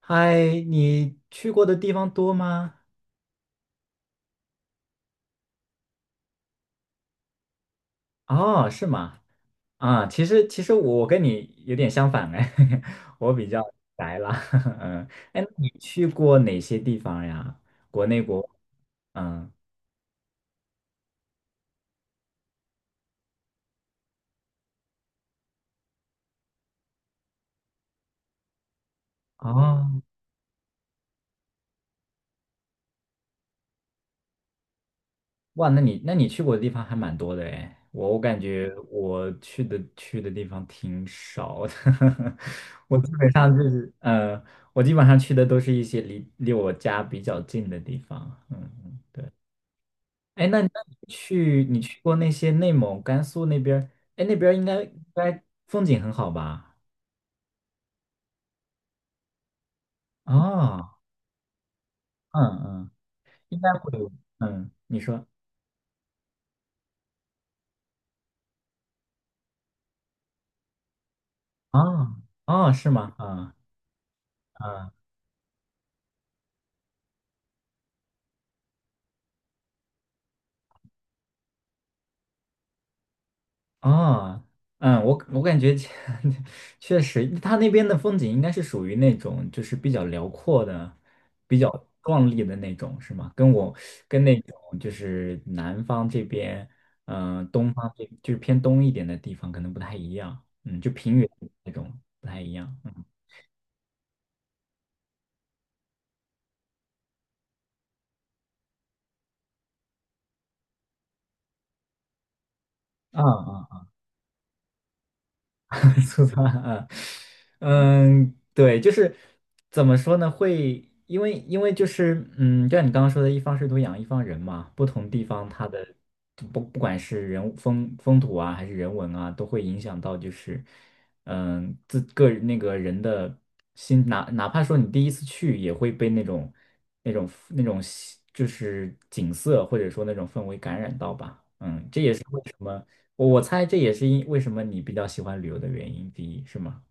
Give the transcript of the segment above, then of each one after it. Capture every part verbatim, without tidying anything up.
嗨，你去过的地方多吗？哦，是吗？啊，其实其实我跟你有点相反哎，我比较宅啦。嗯，哎，那你去过哪些地方呀？国内国，嗯，哦，哇，那你那你去过的地方还蛮多的哎，我我感觉我去的去的地方挺少的，我基本上就是，嗯，我基本上去的都是一些离离我家比较近的地方，嗯嗯，哎，那那你去你去过那些内蒙、甘肃那边儿？哎，那边儿应该应该风景很好吧？哦，嗯嗯，应该会有，嗯，你说，啊、哦，哦是吗？啊、啊、啊，嗯，我我感觉 确实，它那边的风景应该是属于那种就是比较辽阔的、比较壮丽的那种，是吗？跟我跟那种就是南方这边，嗯、东方这就是偏东一点的地方可能不太一样，嗯，就平原那种不太一样，嗯，啊啊 粗糙啊，嗯，对，就是怎么说呢？会因为因为就是嗯，就像你刚刚说的，一方水土养一方人嘛，不同地方它的就不不管是人物风风土啊，还是人文啊，都会影响到就是嗯自个人那个人的心，哪哪怕说你第一次去，也会被那种那种那种就是景色或者说那种氛围感染到吧，嗯。我我猜这也是因为什么你比较喜欢旅游的原因第一，是吗？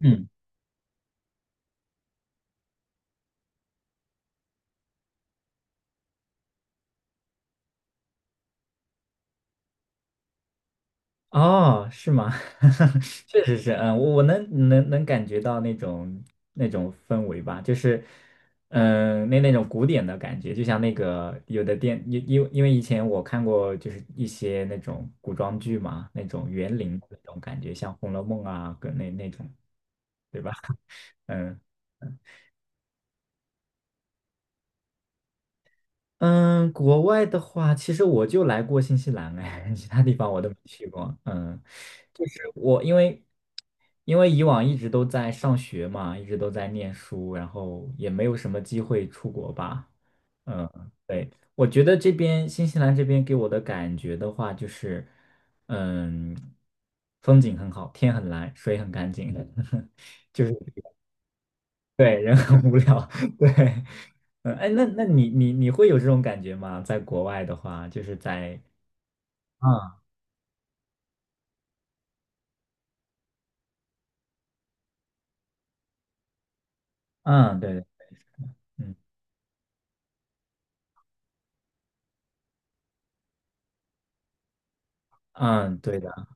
嗯，哦，是吗？确实是，嗯，我我能能能感觉到那种那种氛围吧，就是，嗯，那那种古典的感觉，就像那个有的电，因因因为以前我看过，就是一些那种古装剧嘛，那种园林的那种感觉，像《红楼梦》啊，跟那那种，对吧？嗯。嗯，国外的话，其实我就来过新西兰，哎，其他地方我都没去过。嗯，就是我因为因为以往一直都在上学嘛，一直都在念书，然后也没有什么机会出国吧。嗯，对，我觉得这边新西兰这边给我的感觉的话，就是嗯，风景很好，天很蓝，水很干净，就是对，人很无聊，对，嗯，哎，那那你你你会有这种感觉吗？在国外的话，就是在，嗯嗯，对的嗯嗯，对的，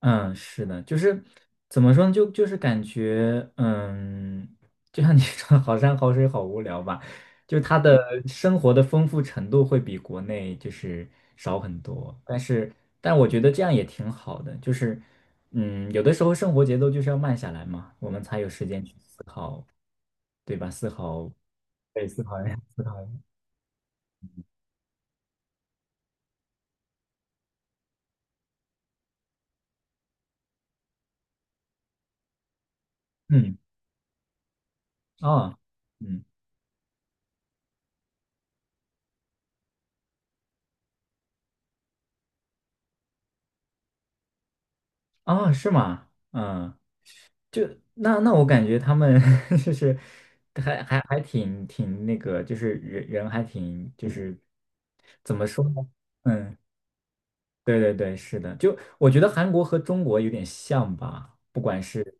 嗯，是的，就是怎么说呢？就就是感觉，嗯，就像你 说，好山好水好无聊吧，就他的生活的丰富程度会比国内就是少很多，但是但我觉得这样也挺好的，就是，嗯，有的时候生活节奏就是要慢下来嘛，我们才有时间去思考，对吧？思考。对，四海 四海，嗯，啊，嗯，啊，是吗？嗯，就那那我感觉他们 就是还还还挺挺那个，就是人人还挺就是怎么说呢？嗯，对对对，是的，就我觉得韩国和中国有点像吧，不管是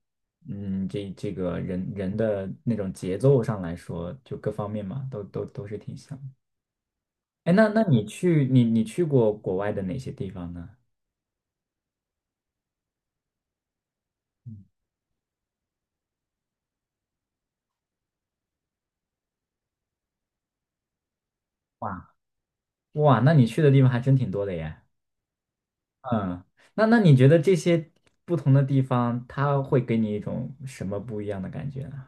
嗯这这个人人的那种节奏上来说，就各方面嘛，都都都是挺像的。哎，那那你去你你去过国外的哪些地方呢？嗯，哇。哇，那你去的地方还真挺多的耶。嗯，那那你觉得这些不同的地方，它会给你一种什么不一样的感觉呢？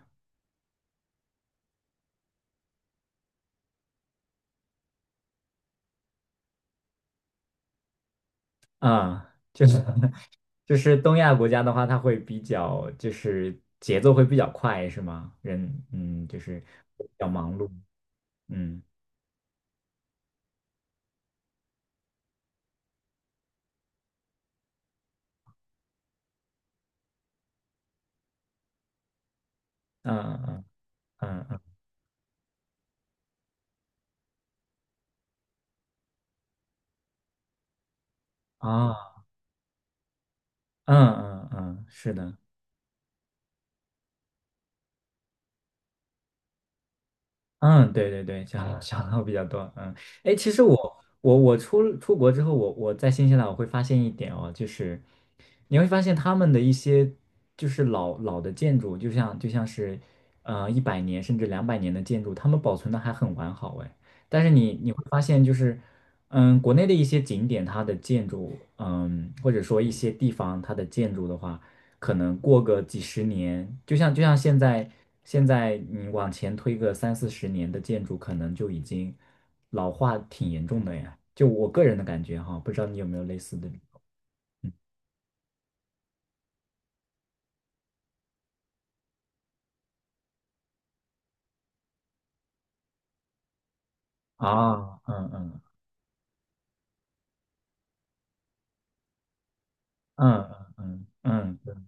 啊、就是 就是东亚国家的话，它会比较就是节奏会比较快，是吗？人嗯，就是比较忙碌。嗯嗯嗯嗯嗯啊嗯嗯嗯，是的。嗯，对对对，小嗯小号比较多。嗯，哎，其实我我我出出国之后，我我在新西兰我会发现一点哦，就是你会发现他们的一些就是老老的建筑，就像就像是呃一百年甚至两百年的建筑，他们保存的还很完好哎。但是你你会发现就是嗯，国内的一些景点它的建筑，嗯，或者说一些地方它的建筑的话。可能过个几十年，就像就像现在，现在你往前推个三四十年的建筑，可能就已经老化挺严重的呀。就我个人的感觉哈，不知道你有没有类似的？嗯，啊，嗯嗯嗯嗯嗯嗯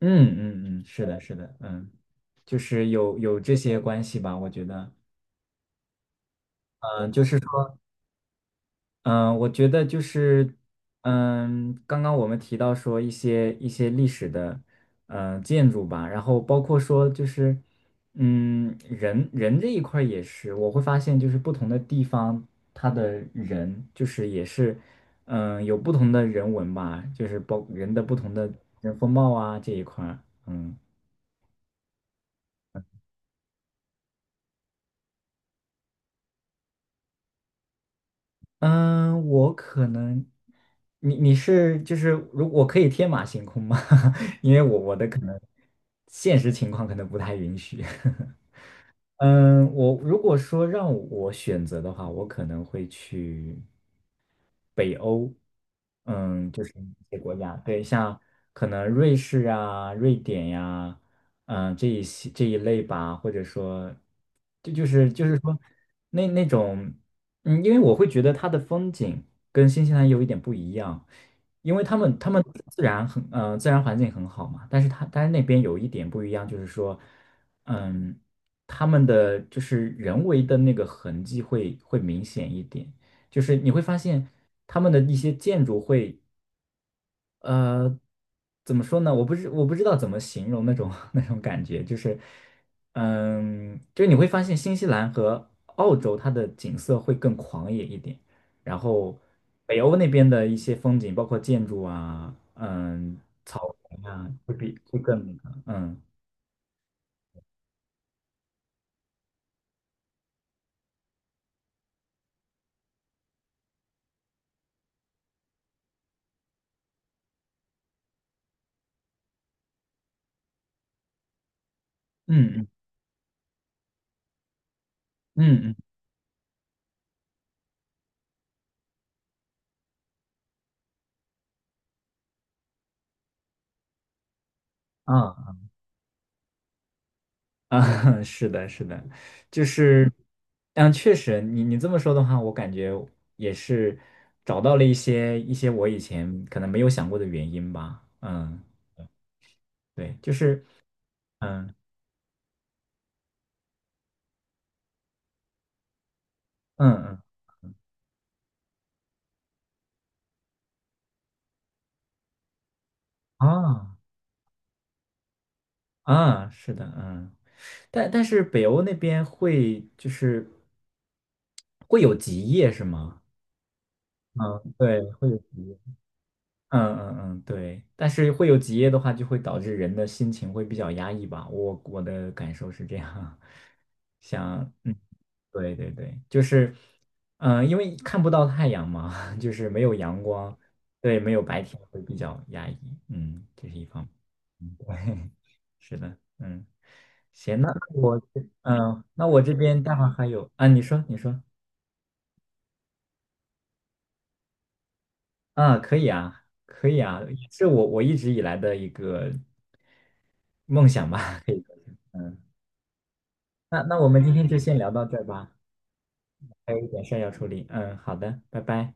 嗯嗯，是的，是的，嗯，就是有有这些关系吧，我觉得，嗯，就是。嗯，呃我觉得就是，嗯，刚刚我们提到说一些一些历史的，呃，建筑吧，然后包括说就是，嗯，人人这一块儿也是，我会发现就是不同的地方，它的人就是也是，嗯，有不同的人文吧，就是包人的不同的人风貌啊这一块儿，嗯嗯，我可能，你你是就是如我可以天马行空吗？因为我我的可能现实情况可能不太允许。嗯，我如果说让我选择的话，我可能会去北欧，嗯，就是一些国家，对，像可能瑞士啊、瑞典呀、嗯、这一些这一类吧，或者说，这就是就是说那那种，嗯，因为我会觉得它的风景跟新西兰有一点不一样，因为他们他们自然很呃自然环境很好嘛，但是它但是那边有一点不一样，就是说，嗯，他们的就是人为的那个痕迹会会明显一点。就是你会发现他们的一些建筑会，呃，怎么说呢？我不知我不知道怎么形容那种 那种感觉，就是，嗯，就是你会发现新西兰和澳洲它的景色会更狂野一点，然后北欧那边的一些风景，包括建筑啊，嗯，草原啊，会比会更那个，嗯，嗯嗯嗯，嗯啊。啊，是的，是的，就是，嗯，确实，你你这么说的话，我感觉也是找到了一些一些我以前可能没有想过的原因吧。嗯，对，就是，嗯嗯嗯，啊啊，是的，嗯，但但是北欧那边会就是会有极夜是吗？嗯，对，会有极夜。嗯嗯嗯，对，但是会有结业的话，就会导致人的心情会比较压抑吧。我我的感受是这样，想，嗯，对对对，就是，嗯、因为看不到太阳嘛，就是没有阳光，对，没有白天会比较压抑。嗯，这是一方面。嗯，对，是的，嗯，行，那我这嗯、那我这边待会儿还有啊，你说，你说啊，可以啊，可以啊，是我我一直以来的一个。梦想吧，可以说，嗯，那那我们今天就先聊到这儿吧，还有一点事儿要处理，嗯，好的，拜拜。